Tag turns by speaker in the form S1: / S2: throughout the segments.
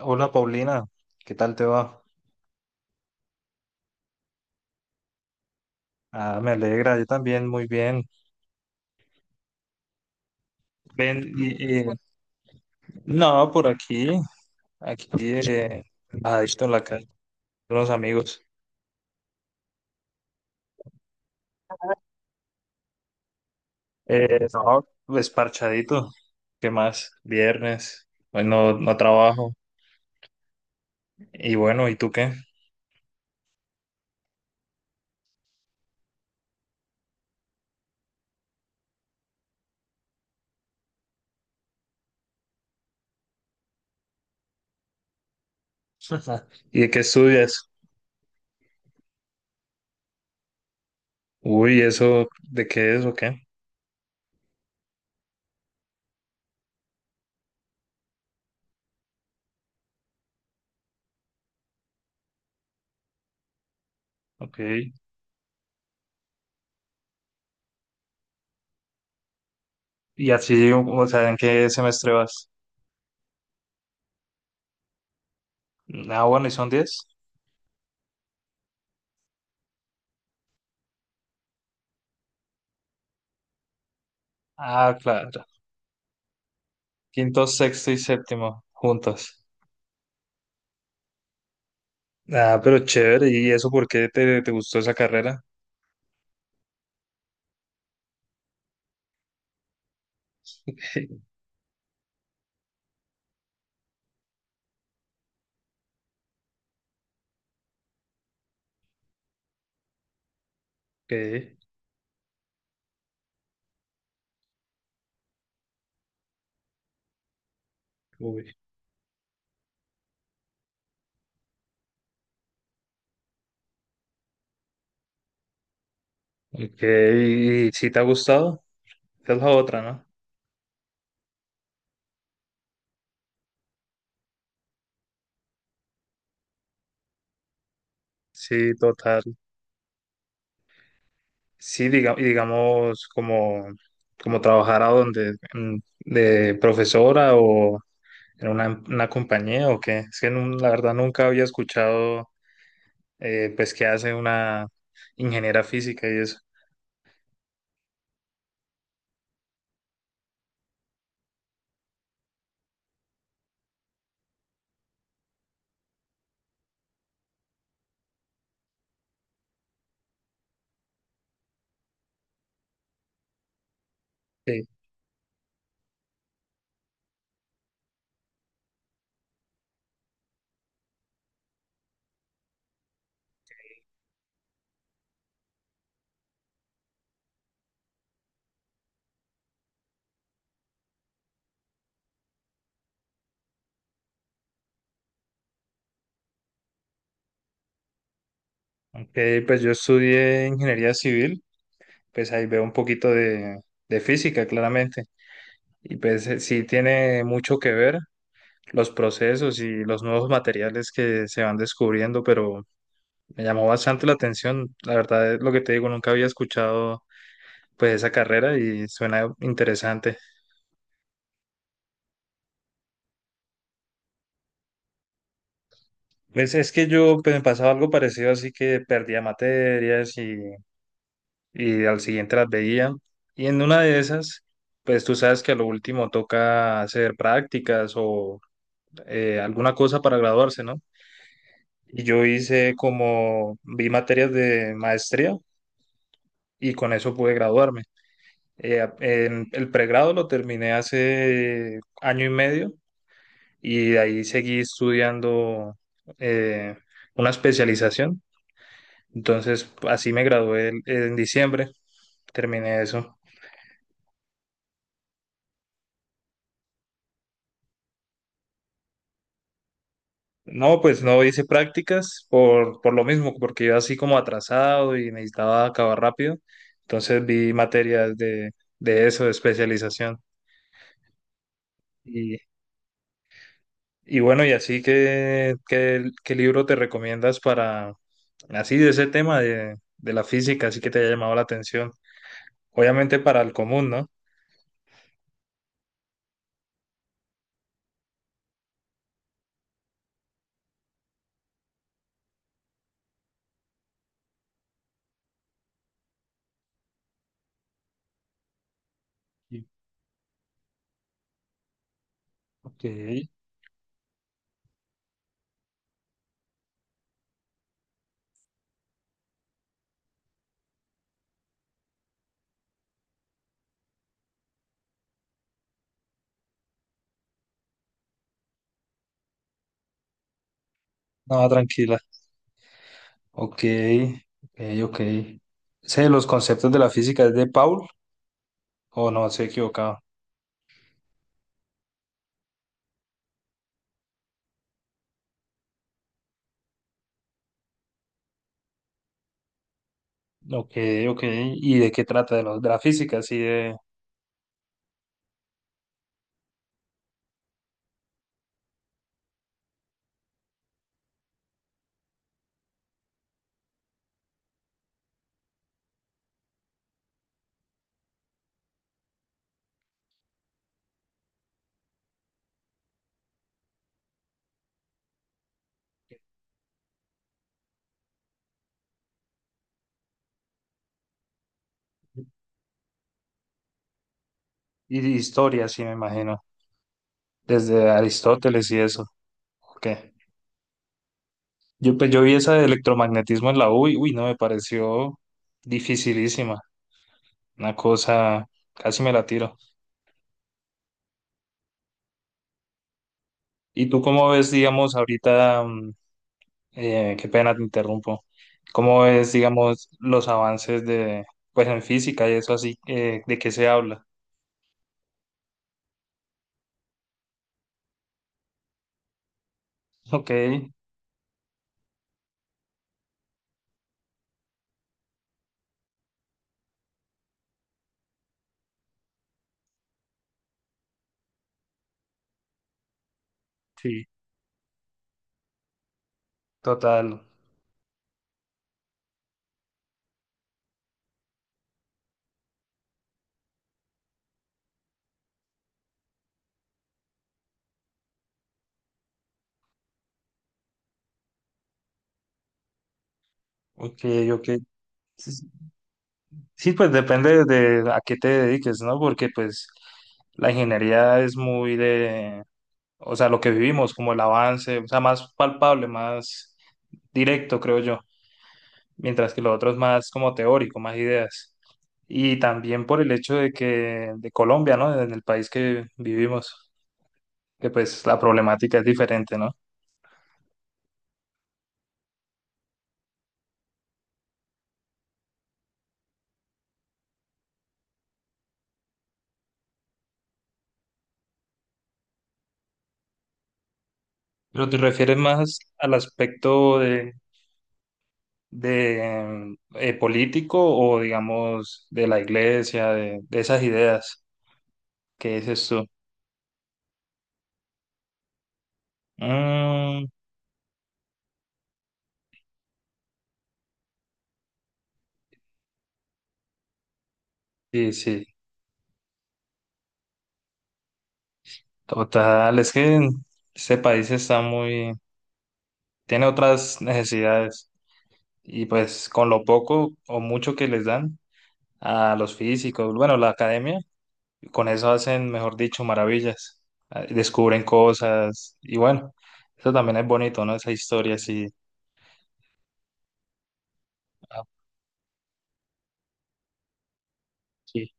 S1: Hola Paulina, ¿qué tal te va? Ah, me alegra, yo también, muy bien. Ven, no, por aquí, aquí, eh, bajadito en la calle, con unos amigos. No, pues parchadito, ¿qué más? Viernes, hoy no trabajo. Y bueno, ¿y tú qué? Ajá. ¿Y de qué estudias? Uy, ¿eso de qué es o qué? Ok. Y así, o sea, ¿en qué semestre vas? Ah, bueno, ¿y son diez? Ah, claro. Quinto, sexto y séptimo, juntos. Ah, pero chévere. ¿Y eso por qué te gustó esa carrera? Ok, uy. Ok, ¿y si te ha gustado? Esa es la otra, ¿no? Sí, total. Sí, y digamos, como, como trabajar a donde, de profesora o en una compañía o qué. Es que la verdad nunca había escuchado, pues, qué hace una ingeniera física y eso. Sí. Ok, pues yo estudié ingeniería civil. Pues ahí veo un poquito de física, claramente. Y pues sí tiene mucho que ver los procesos y los nuevos materiales que se van descubriendo, pero me llamó bastante la atención. La verdad es lo que te digo, nunca había escuchado pues esa carrera y suena interesante. Pues es que yo pues, me pasaba algo parecido, así que perdía materias y al siguiente las veía. Y en una de esas, pues tú sabes que a lo último toca hacer prácticas o alguna cosa para graduarse, ¿no? Y yo hice como, vi materias de maestría y con eso pude graduarme. En el pregrado lo terminé hace año y medio y de ahí seguí estudiando eh, una especialización. Entonces, así me gradué en diciembre, terminé eso. No, pues no hice prácticas por lo mismo, porque iba así como atrasado y necesitaba acabar rápido. Entonces vi materias de eso, de especialización. Y, y bueno, y así que, qué libro te recomiendas para, así de ese tema de la física, así que te haya llamado la atención? Obviamente para el común, ¿no? Sí. Ok, no, tranquila. Ok, ok, ok. ¿Ese los conceptos de la física es de Paul o no, se he equivocado? Ok, ok. ¿Y de qué trata? De, los, de la física, así de, y de historia, sí, me imagino. Desde Aristóteles y eso. Ok. Yo, pues, yo vi esa de electromagnetismo en la U y, uy, no, me pareció dificilísima. Una cosa, casi me la tiro. ¿Y tú cómo ves, digamos, ahorita, qué pena te interrumpo, cómo ves, digamos, los avances de, pues, en física y eso así, de qué se habla? Ok, Sí, total. Ok, ok. Sí, pues depende de a qué te dediques, ¿no? Porque pues la ingeniería es muy de, o sea, lo que vivimos, como el avance, o sea, más palpable, más directo, creo yo, mientras que lo otro es más como teórico, más ideas. Y también por el hecho de que, de Colombia, ¿no? En el país que vivimos, que pues la problemática es diferente, ¿no? Pero te refieres más al aspecto de político o digamos de la iglesia, de esas ideas que dices tú. Mm, sí, sí, total, es que este país está muy, tiene otras necesidades y pues con lo poco o mucho que les dan a los físicos, bueno, la academia, con eso hacen, mejor dicho, maravillas, descubren cosas y bueno, eso también es bonito, ¿no? Esa historia así. Ah, sí.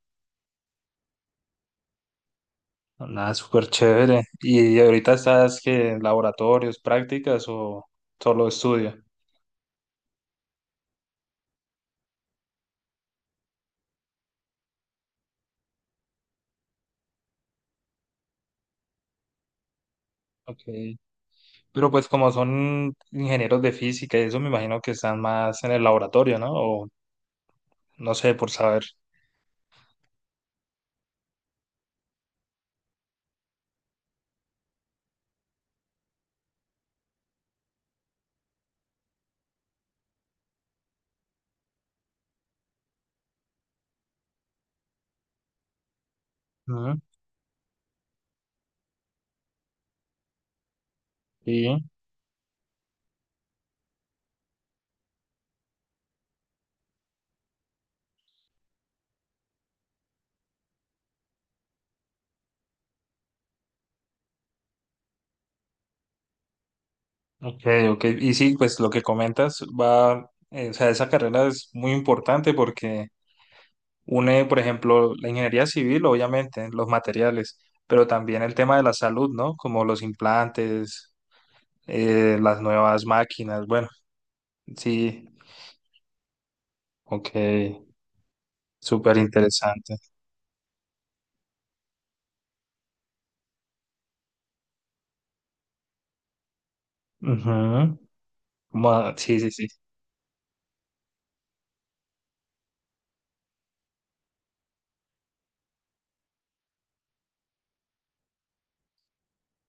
S1: Nada, súper chévere. ¿Y ahorita estás que en laboratorios, prácticas o solo estudio? Ok. Pero pues como son ingenieros de física y eso, me imagino que están más en el laboratorio, ¿no? O no sé, por saber. Ujú. Sí. Ok, ok. Y sí, pues lo que comentas va, o sea, esa carrera es muy importante porque une, por ejemplo, la ingeniería civil, obviamente, los materiales, pero también el tema de la salud, ¿no? Como los implantes, las nuevas máquinas. Bueno, sí, ok, súper interesante. Ujú. Sí, sí, sí.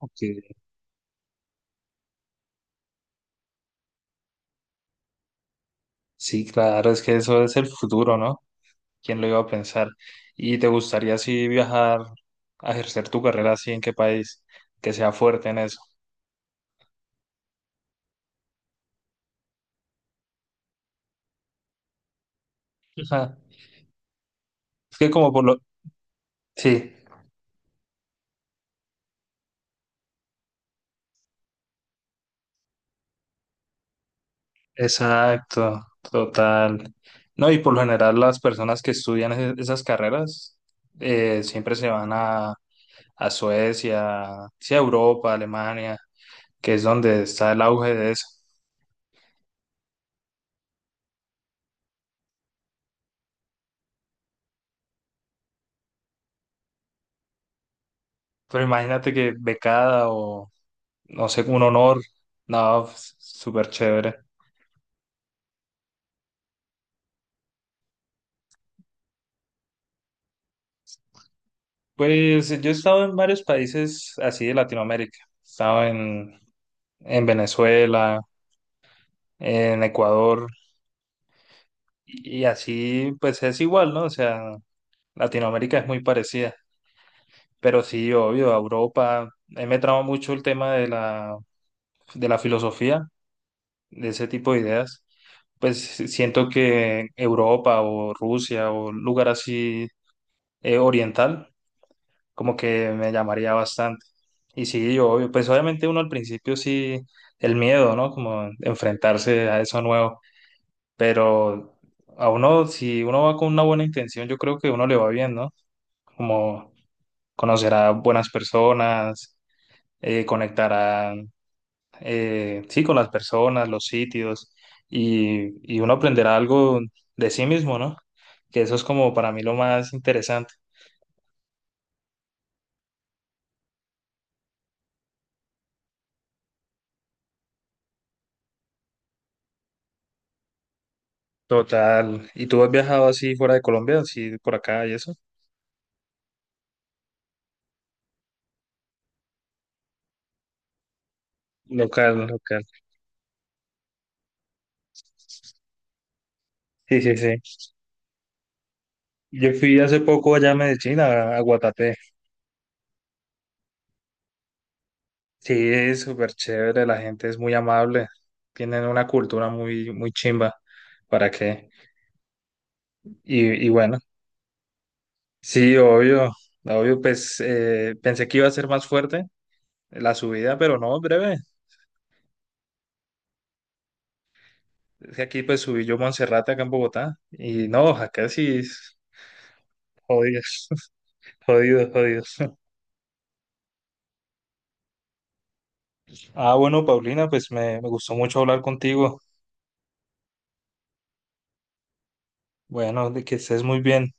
S1: Ok. Sí, claro, es que eso es el futuro, ¿no? ¿Quién lo iba a pensar? ¿Y te gustaría así viajar a ejercer tu carrera así en qué país? Que sea fuerte en eso. Ajá. Es que como por lo... Sí, exacto, total. No, y por lo general las personas que estudian esas carreras siempre se van a Suecia, sí, a Europa, a Alemania, que es donde está el auge de eso. Pero imagínate que becada o, no sé, un honor, no, súper chévere. Pues yo he estado en varios países así de Latinoamérica. He estado en Venezuela, en Ecuador, y así pues es igual, ¿no? O sea, Latinoamérica es muy parecida. Pero sí, obvio, a Europa. A mí me traba mucho el tema de la filosofía de ese tipo de ideas, pues siento que Europa o Rusia o un lugar así oriental, como que me llamaría bastante. Y sí, yo, obvio, pues obviamente uno al principio sí, el miedo, ¿no? Como enfrentarse a eso nuevo, pero a uno, si uno va con una buena intención, yo creo que uno le va bien, ¿no? Como conocer a buenas personas, conectará sí, con las personas, los sitios, y uno aprenderá algo de sí mismo, ¿no? Que eso es como para mí lo más interesante. Total. ¿Y tú has viajado así fuera de Colombia, así por acá y eso? Local, local. Sí, sí, sí. Yo fui hace poco allá a Medellín, a Guatapé. Sí, es súper chévere, la gente es muy amable, tienen una cultura muy, muy chimba, ¿para qué? Y bueno, sí, obvio, obvio, pues pensé que iba a ser más fuerte, la subida, pero no, breve. Es que aquí pues subí yo a Monserrate acá en Bogotá. Y no, acá sí es jodido, jodido, jodido. Ah, bueno, Paulina, pues me gustó mucho hablar contigo. Bueno, de que estés muy bien.